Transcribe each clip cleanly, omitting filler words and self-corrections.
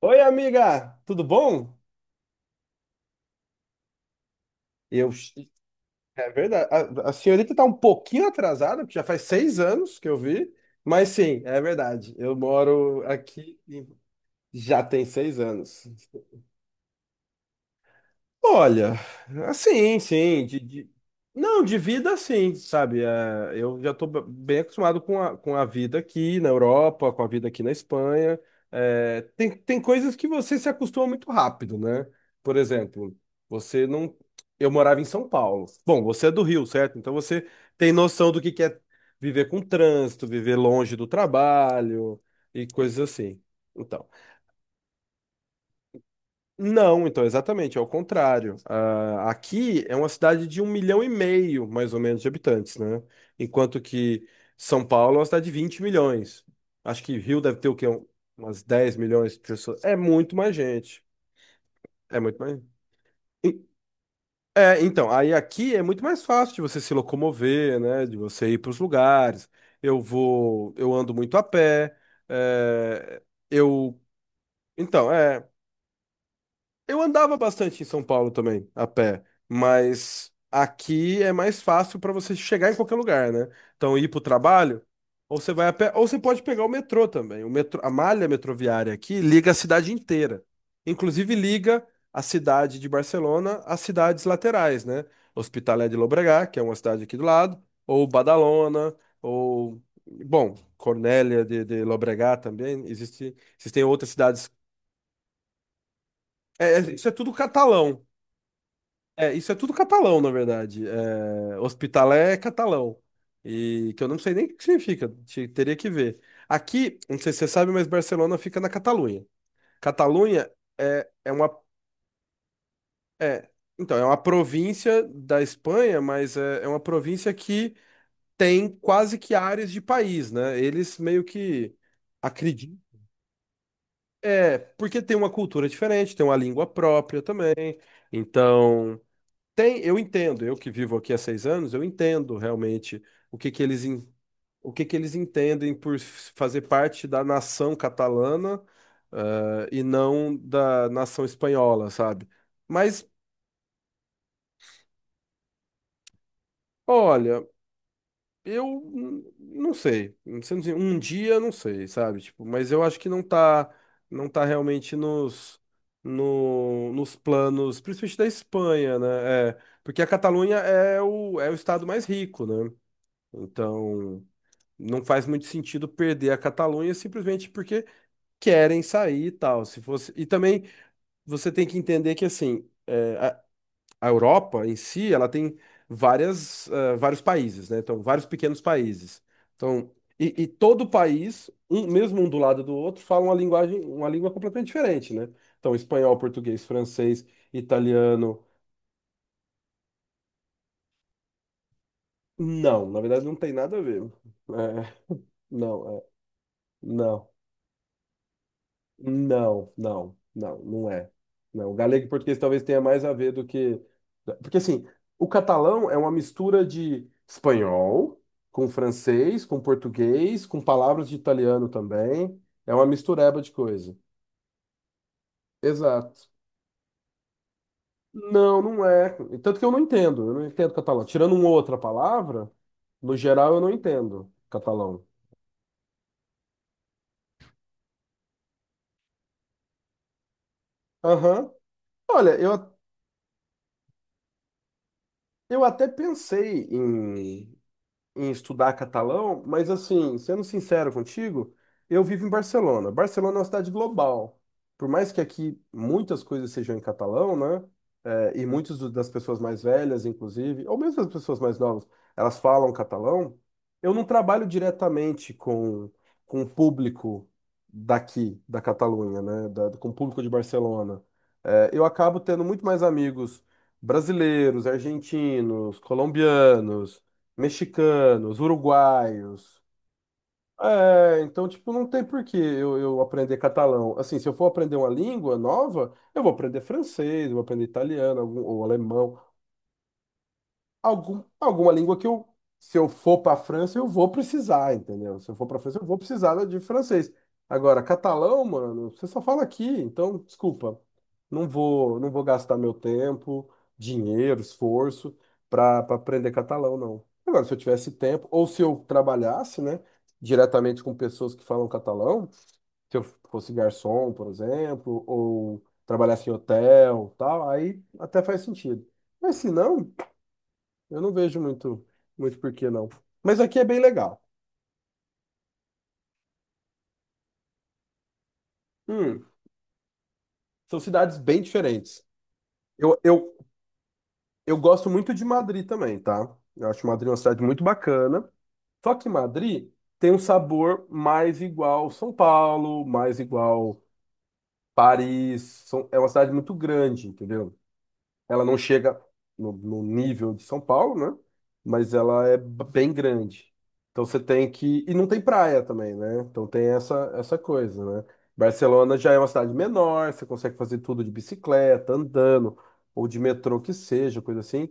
Oi, amiga, tudo bom? Eu, é verdade. A senhorita tá um pouquinho atrasada, porque já faz 6 anos que eu vi, mas sim, é verdade. Eu moro aqui e já tem 6 anos. Olha, assim, sim, não, de vida sim, sabe? É, eu já estou bem acostumado com a vida aqui na Europa, com a vida aqui na Espanha. É, tem coisas que você se acostuma muito rápido, né? Por exemplo, você não. Eu morava em São Paulo. Bom, você é do Rio, certo? Então você tem noção do que é viver com trânsito, viver longe do trabalho e coisas assim. Então. Não, então, exatamente, é o contrário. Ah, aqui é uma cidade de 1,5 milhão, mais ou menos, de habitantes, né? Enquanto que São Paulo é uma cidade de 20 milhões. Acho que Rio deve ter o quê? Umas 10 milhões de pessoas. É muito mais gente. É muito mais. E- É, então, aí aqui é muito mais fácil de você se locomover, né? De você ir para os lugares. Eu vou, eu ando muito a pé. É, eu, então, é. Eu andava bastante em São Paulo também, a pé, mas aqui é mais fácil para você chegar em qualquer lugar, né? Então, ir para o trabalho, ou você vai a pé, ou você pode pegar o metrô também. O metrô, a malha metroviária aqui liga a cidade inteira. Inclusive, liga a cidade de Barcelona às cidades laterais, né? Hospitalet de Llobregat, que é uma cidade aqui do lado, ou Badalona, ou, bom, Cornellà de Llobregat também. Existe, existem outras cidades. É, é, isso é tudo catalão. É, isso é tudo catalão, na verdade. É, Hospitalet é catalão. E que eu não sei nem o que significa, teria que ver. Aqui, não sei se você sabe, mas Barcelona fica na Catalunha. Catalunha é, é uma. É, então, é uma província da Espanha, mas é, é uma província que tem quase que áreas de país, né? Eles meio que acreditam. É, porque tem uma cultura diferente, tem uma língua própria também. Então. Tem, eu entendo, eu que vivo aqui há 6 anos, eu entendo realmente o que que eles, en- o que que eles entendem por fazer parte da nação catalana, e não da nação espanhola, sabe? Mas, olha, eu não sei, não sei dizer, um dia não sei, sabe? Tipo, mas eu acho que não tá realmente nos, no, nos planos, principalmente da Espanha, né? É, porque a Catalunha é o, é o estado mais rico, né? Então, não faz muito sentido perder a Catalunha simplesmente porque querem sair e tal. Se fosse... E também você tem que entender que assim, é, a Europa em si, ela tem vários países, né? Então, vários pequenos países. Então, e todo país, um, mesmo um do lado do outro, fala uma linguagem, uma língua completamente diferente, né? Então, espanhol, português, francês, italiano. Não, na verdade não tem nada a ver. É, não, é, não. Não, não, não, não é. Não, o galego e português talvez tenha mais a ver do que. Né, porque assim, o catalão é uma mistura de espanhol com francês, com português, com palavras de italiano também. É uma mistureba de coisa. Exato. Não, não é. Tanto que eu não entendo. Eu não entendo catalão. Tirando uma outra palavra, no geral eu não entendo catalão. Aham. Olha, eu até pensei em estudar catalão, mas assim, sendo sincero contigo, eu vivo em Barcelona. Barcelona é uma cidade global. Por mais que aqui muitas coisas sejam em catalão, né? É, e muitas das pessoas mais velhas, inclusive, ou mesmo as pessoas mais novas, elas falam catalão. Eu não trabalho diretamente com o público daqui, da Catalunha, né? Com o público de Barcelona. É, eu acabo tendo muito mais amigos brasileiros, argentinos, colombianos, mexicanos, uruguaios. É, então, tipo, não tem por que eu aprender catalão. Assim, se eu for aprender uma língua nova, eu vou aprender francês, eu vou aprender italiano, algum, ou alemão, algum, alguma língua que eu, se eu for para a França, eu vou precisar, entendeu? Se eu for para a França, eu vou precisar de francês. Agora, catalão, mano, você só fala aqui, então, desculpa. Não vou, não vou gastar meu tempo, dinheiro, esforço para aprender catalão, não. Agora, se eu tivesse tempo, ou se eu trabalhasse, né, diretamente com pessoas que falam catalão, se eu fosse garçom, por exemplo, ou trabalhasse em hotel, tal, aí até faz sentido. Mas se não, eu não vejo muito, muito porquê, não. Mas aqui é bem legal. Hum, são cidades bem diferentes. Eu, eu, eu gosto muito de Madrid também, tá? Eu acho Madrid uma cidade muito bacana. Só que Madrid tem um sabor mais igual São Paulo, mais igual Paris. É uma cidade muito grande, entendeu? Ela não chega no, no nível de São Paulo, né? Mas ela é bem grande. Então você tem que. E não tem praia também, né? Então tem essa, essa coisa, né? Barcelona já é uma cidade menor, você consegue fazer tudo de bicicleta, andando, ou de metrô que seja, coisa assim.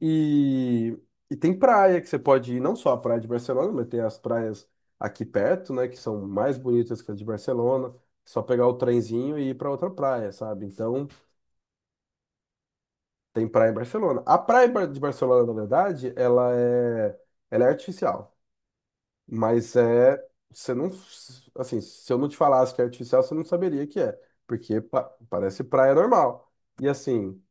E, e tem praia que você pode ir, não só a praia de Barcelona, mas tem as praias aqui perto, né? Que são mais bonitas que as de Barcelona. É só pegar o trenzinho e ir para outra praia, sabe? Então. Tem praia em Barcelona. A praia em de Barcelona, na verdade, ela é artificial. Mas é. Você não. Assim, se eu não te falasse que é artificial, você não saberia que é. Porque parece praia normal. E assim,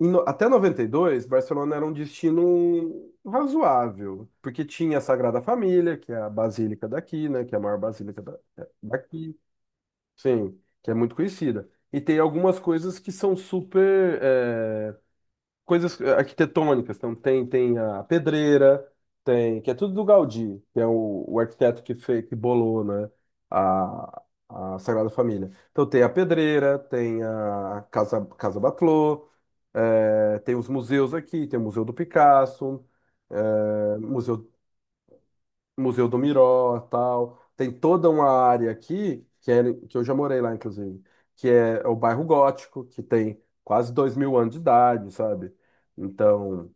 até 92 Barcelona era um destino razoável. Porque tinha a Sagrada Família, que é a basílica daqui, né? Que é a maior basílica daqui. Sim, que é muito conhecida. E tem algumas coisas que são super. Coisas arquitetônicas. Então tem, tem a pedreira, tem, que é tudo do Gaudí, que é o arquiteto que fez, que bolou, né, a, a Sagrada Família. Então tem a pedreira, tem a Casa Batlló, tem os museus aqui, tem o Museu do Picasso, eh, Museu Museu do Miró, tal. Tem toda uma área aqui, que, é, que eu já morei lá, inclusive, que é o bairro Gótico, que tem quase 2 mil anos de idade, sabe? Então,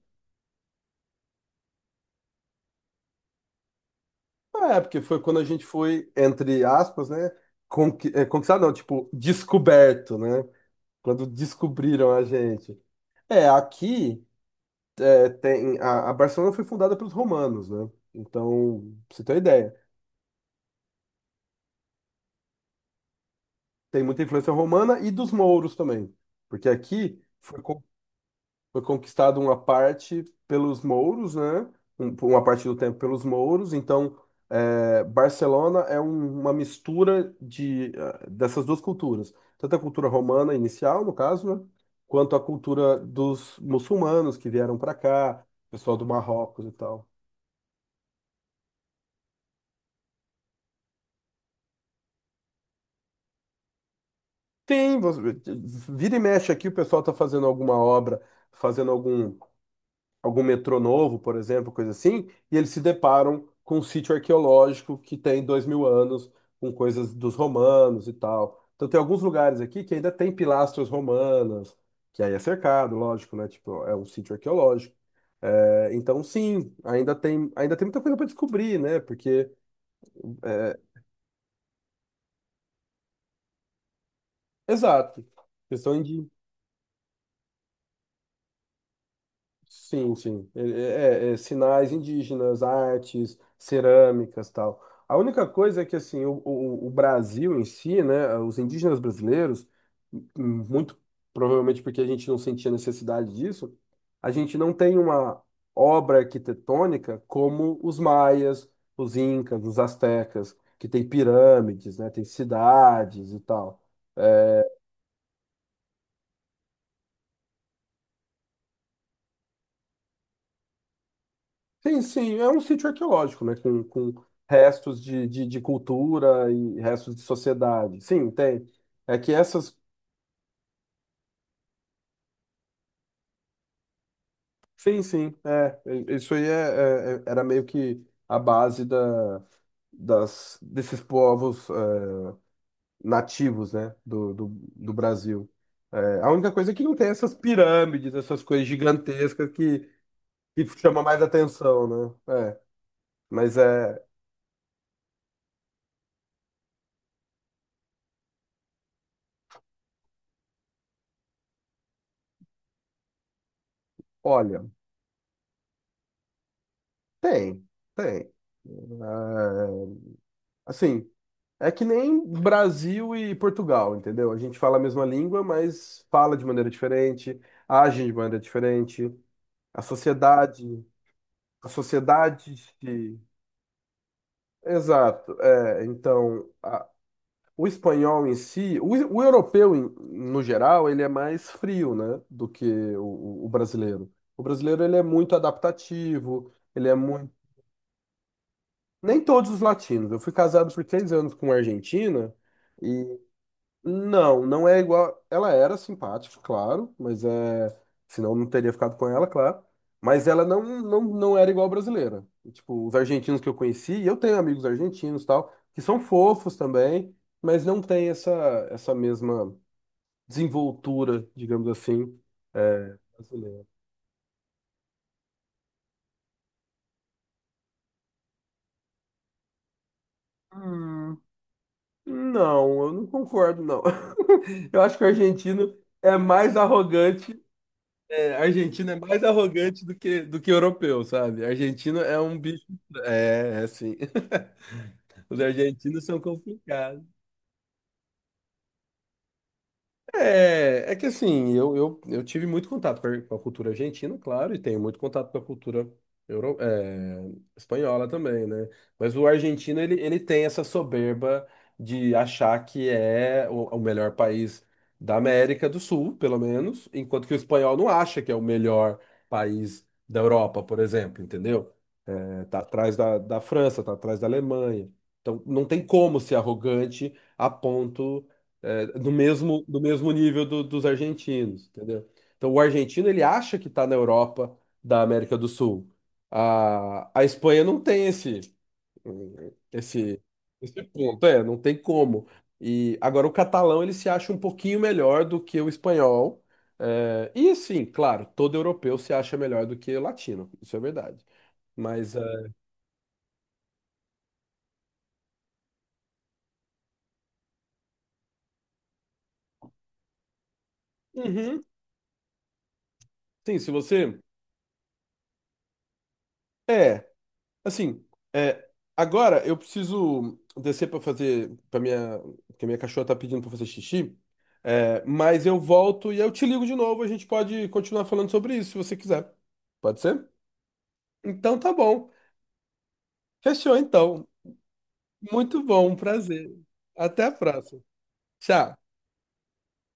é, porque foi quando a gente foi, entre aspas, né? Conqui é, conquistado, não, tipo, descoberto, né? Quando descobriram a gente. É, aqui é, tem. A Barcelona foi fundada pelos romanos, né? Então, pra você ter uma ideia, tem muita influência romana e dos mouros também. Porque aqui foi. Foi conquistado uma parte pelos mouros, né? por uma parte do tempo pelos mouros. Então, é, Barcelona é uma mistura de, dessas duas culturas, tanto a cultura romana inicial, no caso, né? Quanto a cultura dos muçulmanos que vieram para cá, pessoal do Marrocos e tal. Tem, vira e mexe aqui, o pessoal está fazendo alguma obra, fazendo algum metrô novo, por exemplo, coisa assim, e eles se deparam com um sítio arqueológico que tem 2 mil anos, com coisas dos romanos e tal. Então tem alguns lugares aqui que ainda tem pilastras romanas, que aí é cercado, lógico, né? Tipo, é um sítio arqueológico. É, então sim, ainda tem muita coisa para descobrir, né? Porque, é, exato, questão de. Sim, sim. É, sinais indígenas, artes, cerâmicas, tal. A única coisa é que assim, o Brasil em si, né, os indígenas brasileiros, m- muito provavelmente porque a gente não sentia necessidade disso, a gente não tem uma obra arquitetônica como os maias, os incas, os astecas, que tem pirâmides, né, tem cidades e tal. É, sim, sim, é um sítio arqueológico, né? Com restos de cultura e restos de sociedade. Sim, tem. É que essas. Sim, sim, é. É, isso aí é, era meio que a base da, desses povos é, nativos, né? Do Brasil. É, a única coisa é que não tem essas pirâmides, essas coisas gigantescas que chama mais atenção, né? É. Mas é. Olha, tem, tem. É, assim. É que nem Brasil e Portugal, entendeu? A gente fala a mesma língua, mas fala de maneira diferente, age de maneira diferente. A sociedade, a sociedade se... Exato. É, então, o espanhol em si, o europeu no geral, ele é mais frio, né, do que o, brasileiro. O brasileiro ele é muito adaptativo, ele é muito. Nem todos os latinos. Eu fui casado por 3 anos com uma argentina. Não, não é igual. Ela era simpática, claro, mas é. Senão eu não teria ficado com ela, claro. Mas ela não, não, não era igual brasileira. Tipo, os argentinos que eu conheci, e eu tenho amigos argentinos e tal, que são fofos também, mas não tem essa, essa mesma desenvoltura, digamos assim, é, brasileira. Hum, Não, eu não concordo, não. Eu acho que o argentino é mais arrogante. É, argentino é mais arrogante do que europeu, sabe? Argentino é um bicho. É, é assim. Os argentinos são complicados. É, é que assim, eu tive muito contato com a cultura argentina, claro, e tenho muito contato com a cultura euro, é, espanhola também, né? Mas o argentino, ele tem essa soberba de achar que é o melhor país da América do Sul, pelo menos, enquanto que o espanhol não acha que é o melhor país da Europa, por exemplo, entendeu? Tá atrás da França, tá atrás da Alemanha. Então, não tem como ser arrogante a ponto, é, do mesmo nível dos argentinos, entendeu? Então, o argentino, ele acha que está na Europa da América do Sul. A Espanha não tem esse, esse, esse ponto, é, não tem como. E agora o catalão, ele se acha um pouquinho melhor do que o espanhol. É, e sim, claro, todo europeu se acha melhor do que o latino, isso é verdade. Mas uhum. Sim, se você. É, assim, é, agora eu preciso descer pra fazer. Pra minha, porque minha cachorra tá pedindo pra fazer xixi. É, mas eu volto e eu te ligo de novo. A gente pode continuar falando sobre isso se você quiser. Pode ser? Então tá bom. Fechou então. Muito bom, um prazer. Até a próxima. Tchau.